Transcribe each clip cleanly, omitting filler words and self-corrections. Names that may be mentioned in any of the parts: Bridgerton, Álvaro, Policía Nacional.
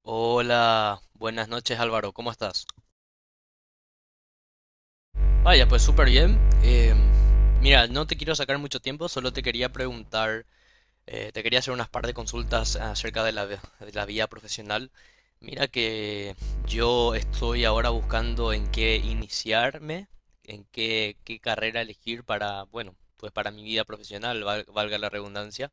Hola, buenas noches Álvaro, ¿cómo estás? Vaya, pues súper bien. Mira, no te quiero sacar mucho tiempo, solo te quería preguntar, te quería hacer unas par de consultas acerca de la vida profesional. Mira que yo estoy ahora buscando en qué iniciarme, qué carrera elegir para, bueno, pues para mi vida profesional, valga la redundancia.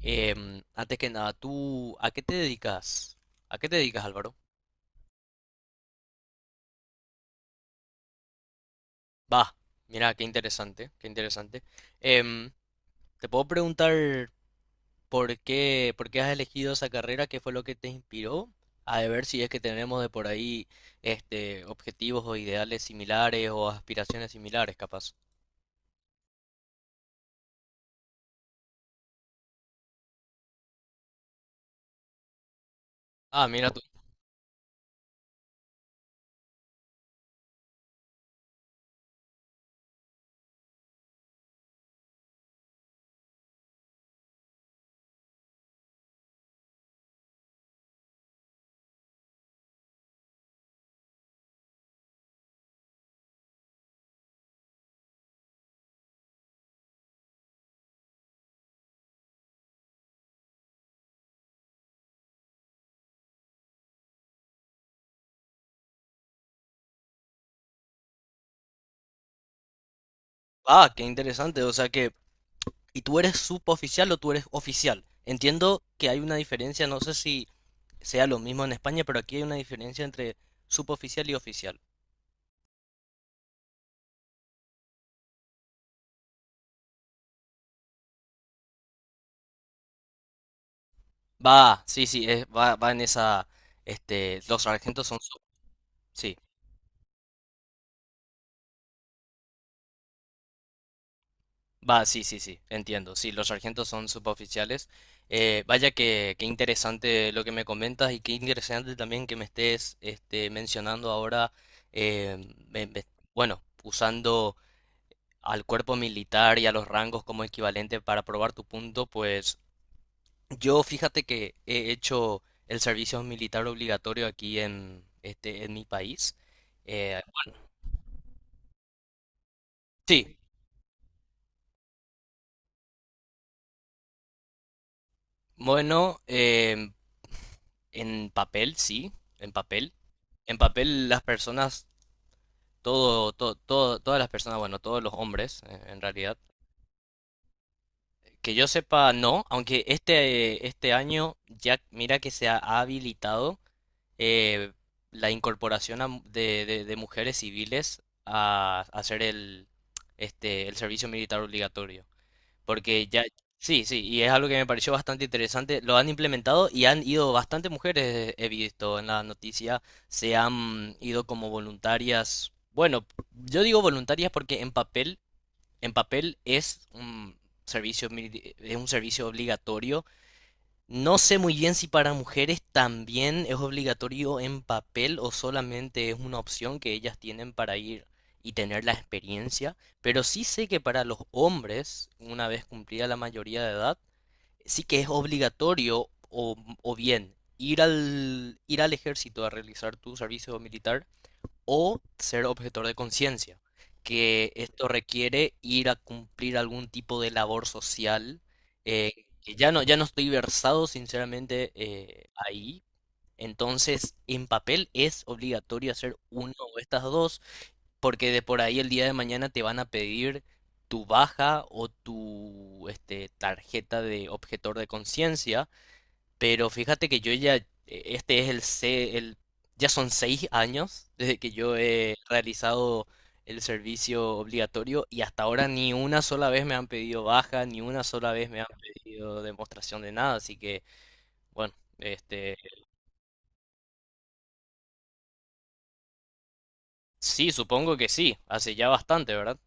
Antes que nada, ¿tú a qué te dedicas? ¿A qué te dedicas, Álvaro? Va, mira, qué interesante, qué interesante. Em, ¿Te puedo preguntar por qué has elegido esa carrera? ¿Qué fue lo que te inspiró? A ver si es que tenemos de por ahí este, objetivos o ideales similares o aspiraciones similares, capaz. Ah, mira tú. Ah, qué interesante. O sea que, ¿y tú eres suboficial o tú eres oficial? Entiendo que hay una diferencia, no sé si sea lo mismo en España, pero aquí hay una diferencia entre suboficial y oficial. Va, sí, sí, va, va en esa, este, los sargentos son, sí, va, sí, sí, sí, entiendo, sí, los sargentos son suboficiales. Vaya que, qué interesante lo que me comentas y qué interesante también que me estés, este, mencionando ahora, eh, me- me- bueno, usando al cuerpo militar y a los rangos como equivalente para probar tu punto, pues yo fíjate que he hecho el servicio militar obligatorio aquí en, este, en mi país. Eh, Sí, bueno, en papel sí, en papel. En papel las personas, todas las personas, bueno, todos los hombres en realidad, que yo sepa no, aunque este año ya mira que se ha habilitado eh, la incorporación a de mujeres civiles a hacer el, este, el servicio militar obligatorio. Porque ya, sí, sí, y es algo que me pareció bastante interesante. Lo han implementado y han ido bastante mujeres, he visto en la noticia, se han ido como voluntarias. Bueno, yo digo voluntarias porque en papel es un es un servicio obligatorio, no sé muy bien si para mujeres también es obligatorio en papel o solamente es una opción que ellas tienen para ir y tener la experiencia, pero sí sé que para los hombres, una vez cumplida la mayoría de edad, sí que es obligatorio, o bien ir al ejército a realizar tu servicio militar o ser objetor de conciencia, que esto requiere ir a cumplir algún tipo de labor social, que ya no, ya no estoy versado sinceramente ahí. Entonces, en papel es obligatorio hacer una o estas dos, porque de por ahí el día de mañana te van a pedir tu baja o tu este, tarjeta de objetor de conciencia, pero fíjate que yo ya, este es el, ya son 6 años desde que yo he realizado el servicio obligatorio y hasta ahora ni una sola vez me han pedido baja, ni una sola vez me han pedido demostración de nada, así que, bueno, este, sí, supongo que sí, hace ya bastante, ¿verdad?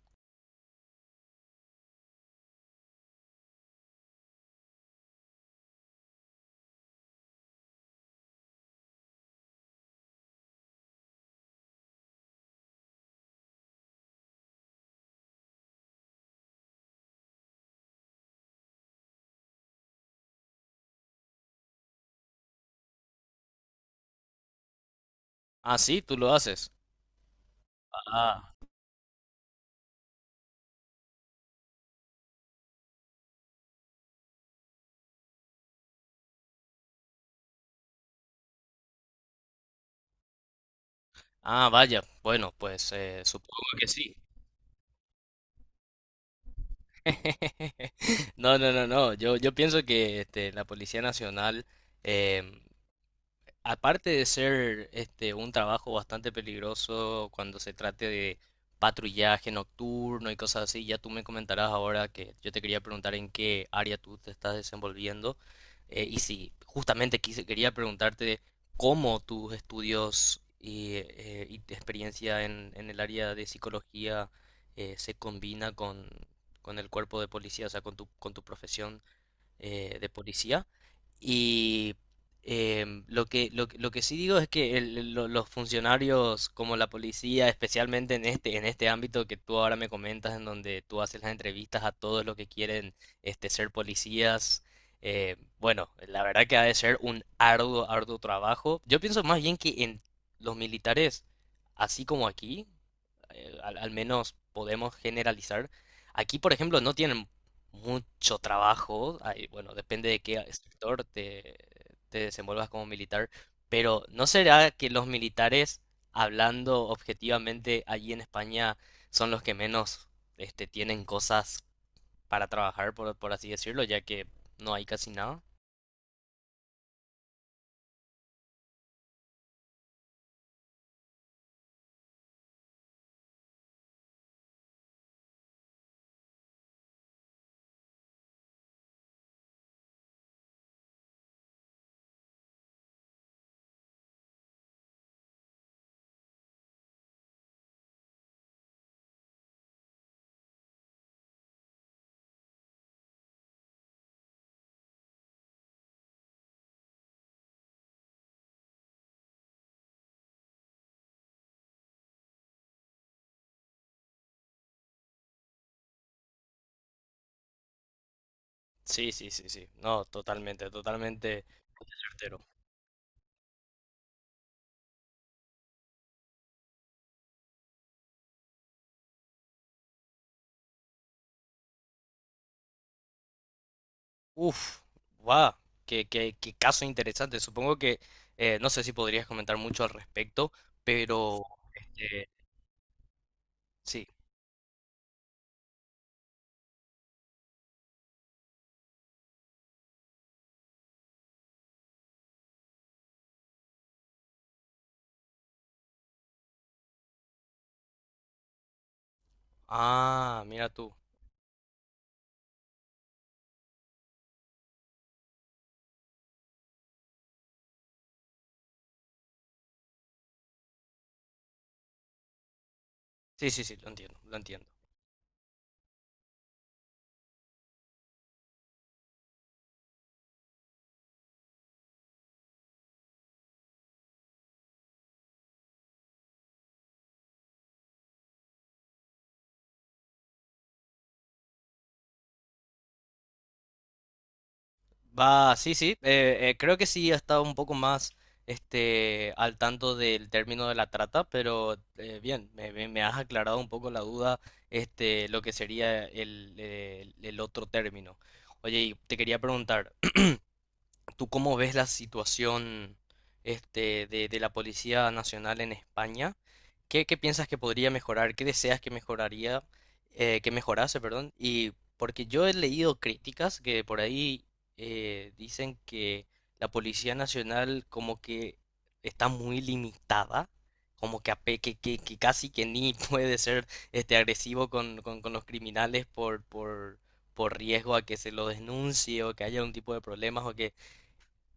Ah, sí, tú lo haces. Ah, ah, vaya, bueno, pues supongo que sí. No, no, no, no. Yo pienso que este, la Policía Nacional, em, aparte de ser este un trabajo bastante peligroso cuando se trate de patrullaje nocturno y cosas así, ya tú me comentarás ahora que yo te quería preguntar en qué área tú te estás desenvolviendo, y si justamente quería preguntarte cómo tus estudios y tu experiencia en el área de psicología se combina con el cuerpo de policía, o sea, con con tu profesión de policía. Y lo que sí digo es que los funcionarios como la policía, especialmente en este ámbito que tú ahora me comentas, en donde tú haces las entrevistas a todos los que quieren este, ser policías, bueno, la verdad que ha de ser un arduo, arduo trabajo. Yo pienso más bien que en los militares, así como aquí, al menos podemos generalizar. Aquí, por ejemplo, no tienen mucho trabajo, bueno, depende de qué sector te desenvuelvas como militar, pero ¿no será que los militares, hablando objetivamente allí en España, son los que menos este, tienen cosas para trabajar, por así decirlo, ya que no hay casi nada? Sí, sí, sí, sí, no, totalmente, totalmente certero. Uf, va, qué caso interesante. Supongo que no sé si podrías comentar mucho al respecto, pero este, sí. Ah, mira tú. Sí, sí, sí, lo entiendo, lo entiendo. Va, sí, sí. Creo que sí ha estado un poco más este, al tanto del término de la trata, pero bien, me has aclarado un poco la duda, este, lo que sería el, el otro término. Oye, y te quería preguntar. ¿Tú cómo ves la situación este, de la Policía Nacional en España? Qué piensas que podría mejorar? ¿Qué deseas que mejoraría, que mejorase, perdón? Y porque yo he leído críticas que por ahí dicen que la Policía Nacional como que está muy limitada, como que, que casi que ni puede ser este, agresivo con los criminales por riesgo a que se lo denuncie o que haya un tipo de problemas o que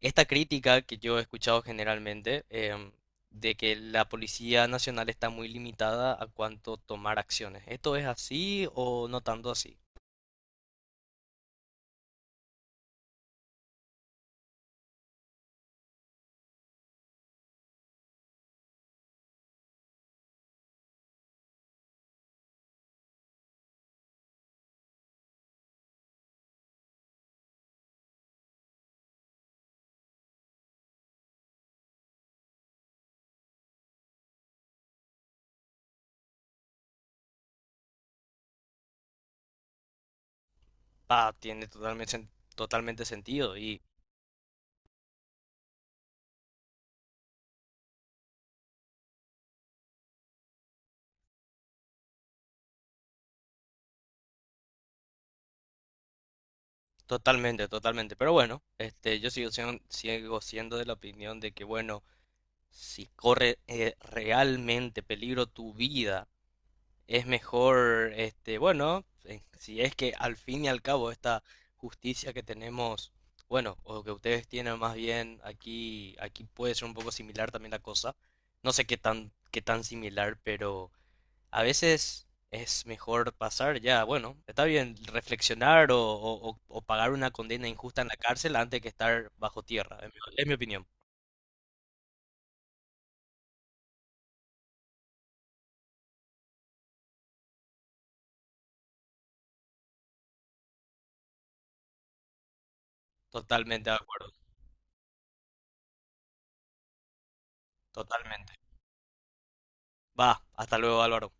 esta crítica que yo he escuchado generalmente de que la Policía Nacional está muy limitada a cuanto tomar acciones. ¿Esto es así o no tanto así? Ah, tiene totalmente, totalmente sentido y totalmente, totalmente. Pero bueno, este, yo sigo, sigo siendo de la opinión de que, bueno, si corre realmente peligro tu vida, es mejor, este, bueno, si es que al fin y al cabo esta justicia que tenemos, bueno, o que ustedes tienen más bien aquí, aquí puede ser un poco similar también la cosa. No sé qué tan similar, pero a veces es mejor pasar ya, bueno, está bien reflexionar o pagar una condena injusta en la cárcel antes que estar bajo tierra, es es mi opinión. Totalmente de acuerdo, totalmente. Va, hasta luego, Álvaro.